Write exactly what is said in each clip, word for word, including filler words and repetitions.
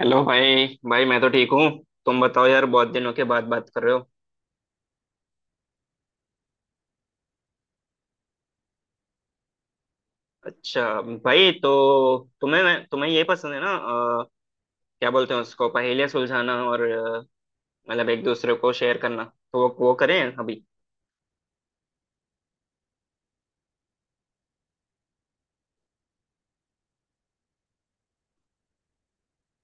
Hello भाई भाई, मैं तो ठीक हूँ। तुम बताओ यार, बहुत दिनों के बाद बात कर रहे हो। अच्छा भाई, तो तुम्हें मैं तुम्हें ये पसंद है ना अ, क्या बोलते हैं उसको, पहेलियाँ सुलझाना, और अ, मतलब एक दूसरे को शेयर करना, तो वो वो करें अभी।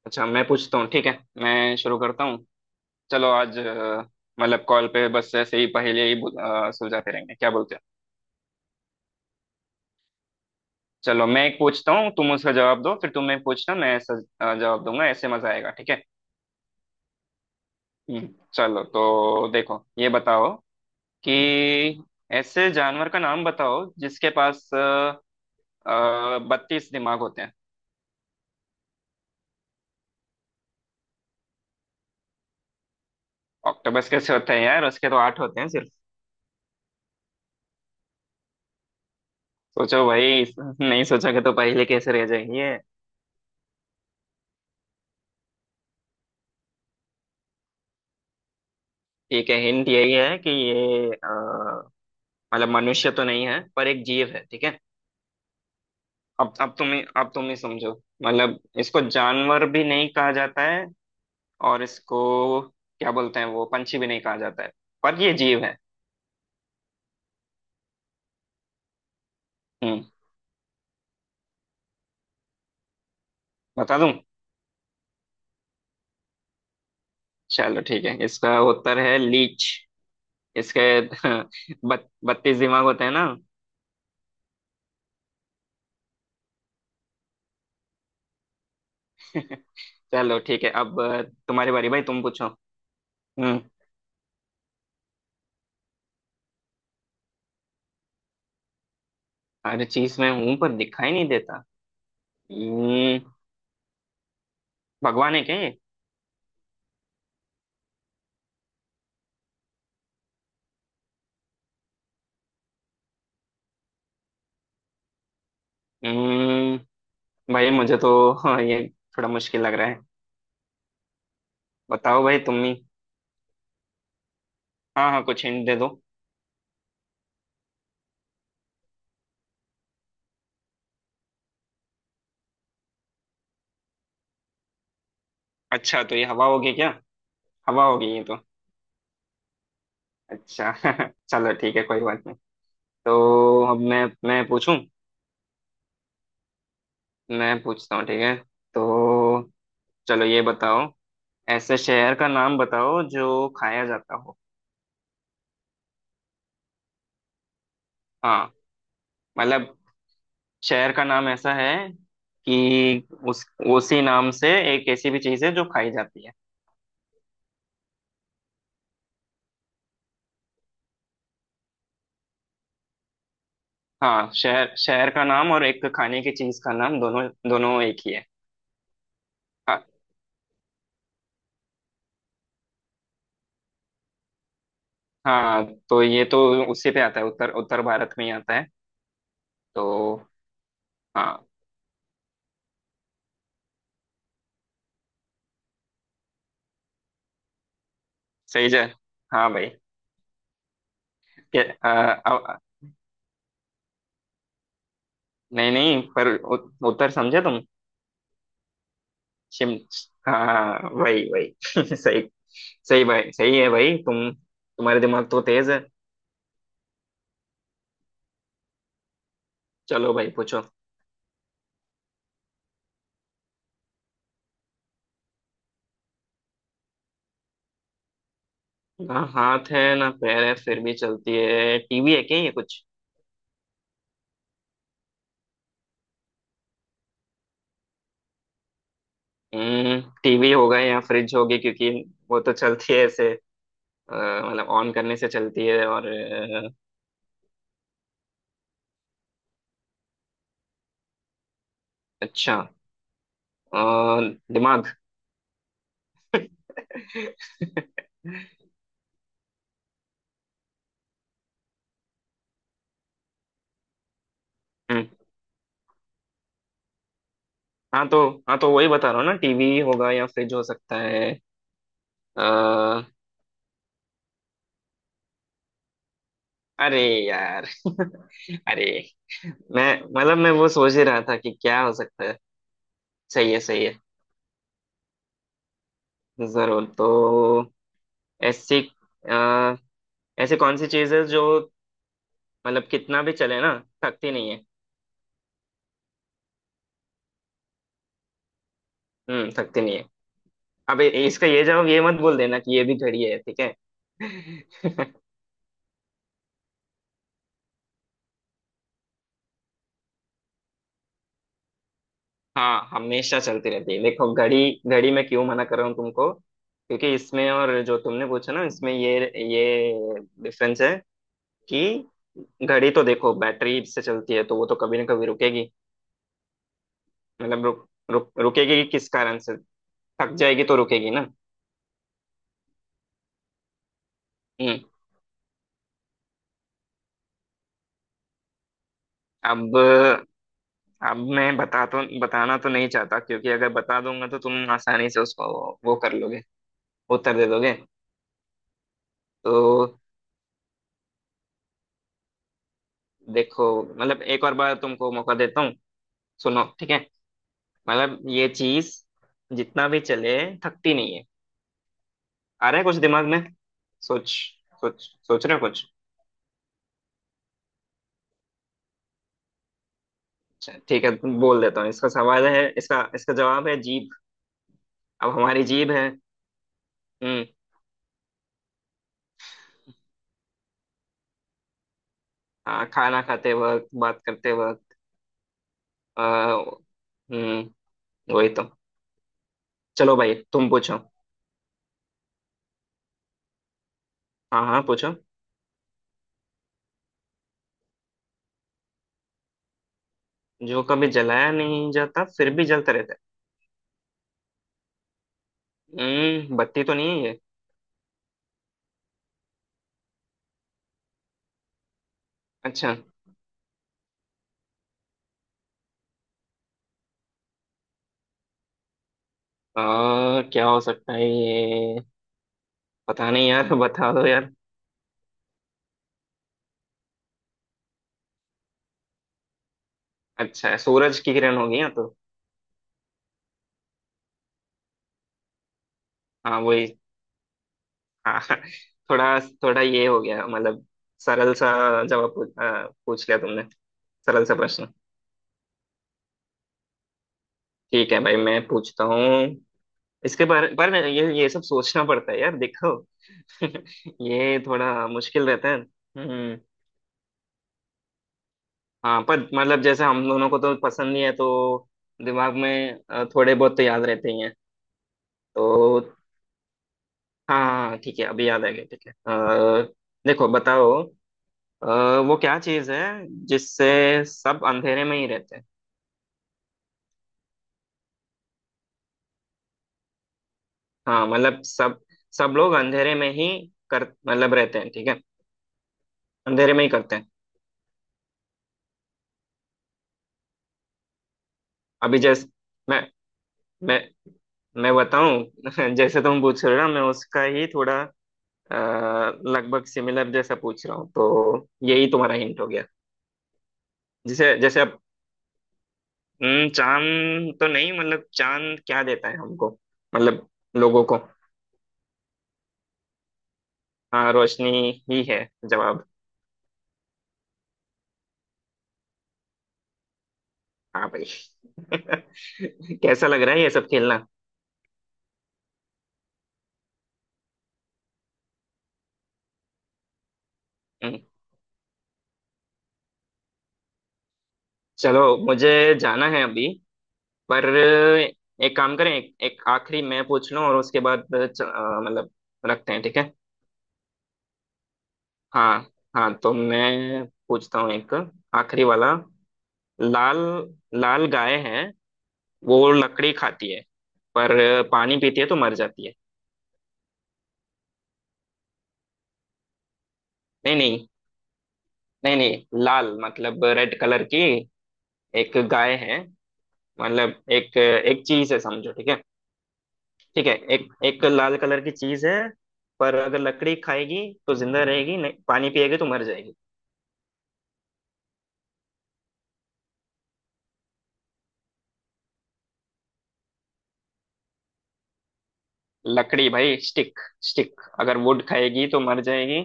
अच्छा मैं पूछता हूँ, ठीक है, मैं शुरू करता हूँ। चलो आज अ, मतलब कॉल पे बस ऐसे ही पहेलियाँ ही बु- अ, सुलझाते रहेंगे, क्या बोलते हैं। चलो मैं एक पूछता हूँ, तुम उसका जवाब दो, फिर तुम एक पूछना, मैं ऐसा अ, जवाब दूंगा, ऐसे मजा आएगा, ठीक है। हम्म, चलो, तो देखो, ये बताओ कि ऐसे जानवर का नाम बताओ जिसके पास बत्तीस दिमाग होते हैं। ऑक्टोपस कैसे होते हैं यार, उसके तो आठ होते हैं सिर्फ। सोचो भाई, नहीं सोचोगे तो पहले कैसे रह जाएंगे। ठीक है, हिंट यही है कि ये अ, मतलब मनुष्य तो नहीं है, पर एक जीव है, ठीक है। अब अब तुम ही अब तुम ही समझो। मतलब इसको जानवर भी नहीं कहा जाता है, और इसको क्या बोलते हैं, वो पंछी भी नहीं कहा जाता है, पर ये जीव है। हम्म बता दूं? चलो ठीक है, इसका उत्तर है लीच। इसके बत, बत्तीस दिमाग होते हैं ना। चलो ठीक है अब। तुम्हारी बारी भाई, तुम पूछो। हम्म। हर चीज में हूं, पर दिखाई नहीं देता। हम्म भगवान है क्या ये? हम्म भाई मुझे तो हाँ, ये थोड़ा मुश्किल लग रहा है। बताओ भाई तुम ही। हाँ, हाँ, कुछ हिंट दे दो। अच्छा तो ये हवा होगी क्या? हवा होगी ये तो। अच्छा। चलो ठीक है, कोई बात नहीं। तो अब मैं मैं पूछूं? मैं पूछता हूँ, ठीक है तो। चलो ये बताओ। ऐसे शहर का नाम बताओ जो खाया जाता हो। हाँ मतलब शहर का नाम ऐसा है कि उस उसी नाम से एक ऐसी भी चीज है जो खाई जाती है। हाँ, शहर शहर का नाम और एक खाने की चीज का नाम, दोनों दोनों एक ही है। हाँ, हाँ, तो ये तो उसी पे आता है, उत्तर उत्तर भारत में ही आता है तो। हाँ, सही जय, हाँ भाई। के- आ, आ, नहीं, नहीं, पर उ- उत्तर समझे तुम। शिम हाँ वही वही, सही। सही भाई, सही है भाई, तुम तुम्हारे दिमाग तो तेज है। चलो भाई पूछो। ना हाथ है, ना पैर है, फिर भी चलती है, टीवी है क्या ये कुछ? हम्म टीवी होगा या फ्रिज होगी, क्योंकि वो तो चलती है ऐसे अ, मतलब ऑन करने से चलती है, और अ, अच्छा। अ, दिमाग। हम्म। हाँ तो हाँ तो वही बता रहा हूँ ना, टीवी होगा या फ्रिज हो सकता है। अ, अरे यार, अरे मैं, मतलब मैं वो सोच ही रहा था कि क्या हो सकता है। सही है, सही है। जरूर तो। ऐसी आ, ऐसी कौन सी चीज है जो मतलब कितना भी चले ना, थकती नहीं है? हम्म थकती नहीं है। अब ए- इसका ये जवाब ये मत बोल देना कि ये भी घड़ी है, ठीक है। हाँ हमेशा चलती रहती है, देखो घड़ी। घड़ी मैं क्यों मना कर रहा हूँ तुमको? क्योंकि इसमें और जो तुमने पूछा ना इसमें ये ये डिफरेंस है, कि घड़ी तो देखो बैटरी से चलती है, तो वो तो कभी ना कभी रुकेगी। मतलब रुक रुक रुकेगी किस कारण से? थक जाएगी तो रुकेगी ना। हम्म अब अब मैं बता तो बताना तो नहीं चाहता, क्योंकि अगर बता दूंगा तो तुम आसानी से उसको वो कर लोगे, उत्तर दे दोगे। तो देखो मतलब एक और बार तुमको मौका देता हूँ। सुनो ठीक है, मतलब ये चीज जितना भी चले, थकती नहीं है। आ रहा है कुछ दिमाग में? सोच। सोच। सोच रहे हो कुछ? अच्छा, ठीक है, बोल देता हूँ, इसका सवाल है इसका इसका जवाब है जीभ। अब हमारी जीभ है। हम्म हाँ, खाना खाते वक्त, बात करते वक्त, अ, हम्म वही तो। चलो भाई तुम पूछो। हाँ, हाँ, पूछो। जो कभी जलाया नहीं जाता, फिर भी जलता रहता है। हम्म बत्ती तो नहीं है ये? अच्छा। आ, क्या हो सकता है ये? पता नहीं यार, बता दो यार। अच्छा, सूरज की किरण होगी ना तो? हाँ वही, हाँ। थोड़ा थोड़ा ये हो गया मतलब, सरल सा जवाब पूछ, अ, पूछ लिया तुमने। सरल सा प्रश्न। ठीक है भाई, मैं पूछता हूँ। इसके बारे पर ये ये सब सोचना पड़ता है यार देखो। ये थोड़ा मुश्किल रहता है हम्म। हाँ, पर मतलब जैसे हम दोनों को तो पसंद नहीं है, तो दिमाग में अ, थोड़े बहुत तो याद रहते ही हैं तो। हाँ, हाँ, ठीक है, अभी याद आ गया ठीक है, अ, देखो बताओ, अ, वो क्या चीज़ है जिससे सब अंधेरे में ही रहते हैं? हाँ मतलब सब सब लोग अंधेरे में ही कर मतलब रहते हैं, ठीक है। अंधेरे में ही करते हैं। अभी जैसे मैं मैं मैं बताऊं, जैसे तुम पूछ रहे हो ना, मैं उसका ही थोड़ा आ, लगभग सिमिलर जैसा पूछ रहा हूँ, तो यही तुम्हारा हिंट हो गया। जैसे जैसे अब। हम्म, चांद तो नहीं, मतलब चांद क्या देता है हमको, मतलब लोगों को? हाँ, रोशनी ही है जवाब। हाँ भाई। कैसा लग रहा है ये सब खेलना? हम्म, चलो मुझे जाना है अभी। पर एक काम करें, एक, एक आखिरी मैं पूछ लूं, और उसके बाद च- अ, मतलब रखते हैं, ठीक है। हाँ, हाँ, तो मैं पूछता हूँ एक आखिरी वाला। लाल लाल गाय है, वो लकड़ी खाती है, पर पानी पीती है तो मर जाती है। नहीं, नहीं, नहीं, नहीं, लाल मतलब रेड कलर की एक गाय है। मतलब एक एक चीज है समझो, ठीक है। ठीक है, एक एक लाल कलर की चीज है। पर अगर लकड़ी खाएगी तो जिंदा रहेगी नहीं, पानी पिएगी तो मर जाएगी। लकड़ी भाई स्टिक। स्टिक अगर वुड खाएगी तो मर जाएगी।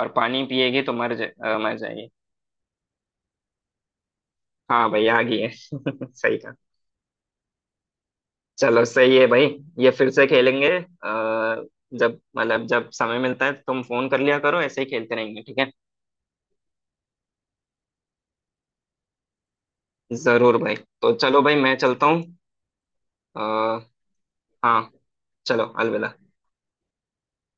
और पानी पिएगी तो मर जा, अ, मर जाएगी। हाँ भाई, आ गई है। सही कहा। चलो सही है भाई। ये फिर से खेलेंगे, अ, जब मतलब जब समय मिलता है तुम फोन कर लिया करो, ऐसे ही खेलते रहेंगे, ठीक है। जरूर भाई। तो चलो भाई, मैं चलता हूँ। अ, हाँ, चलो अलविदा।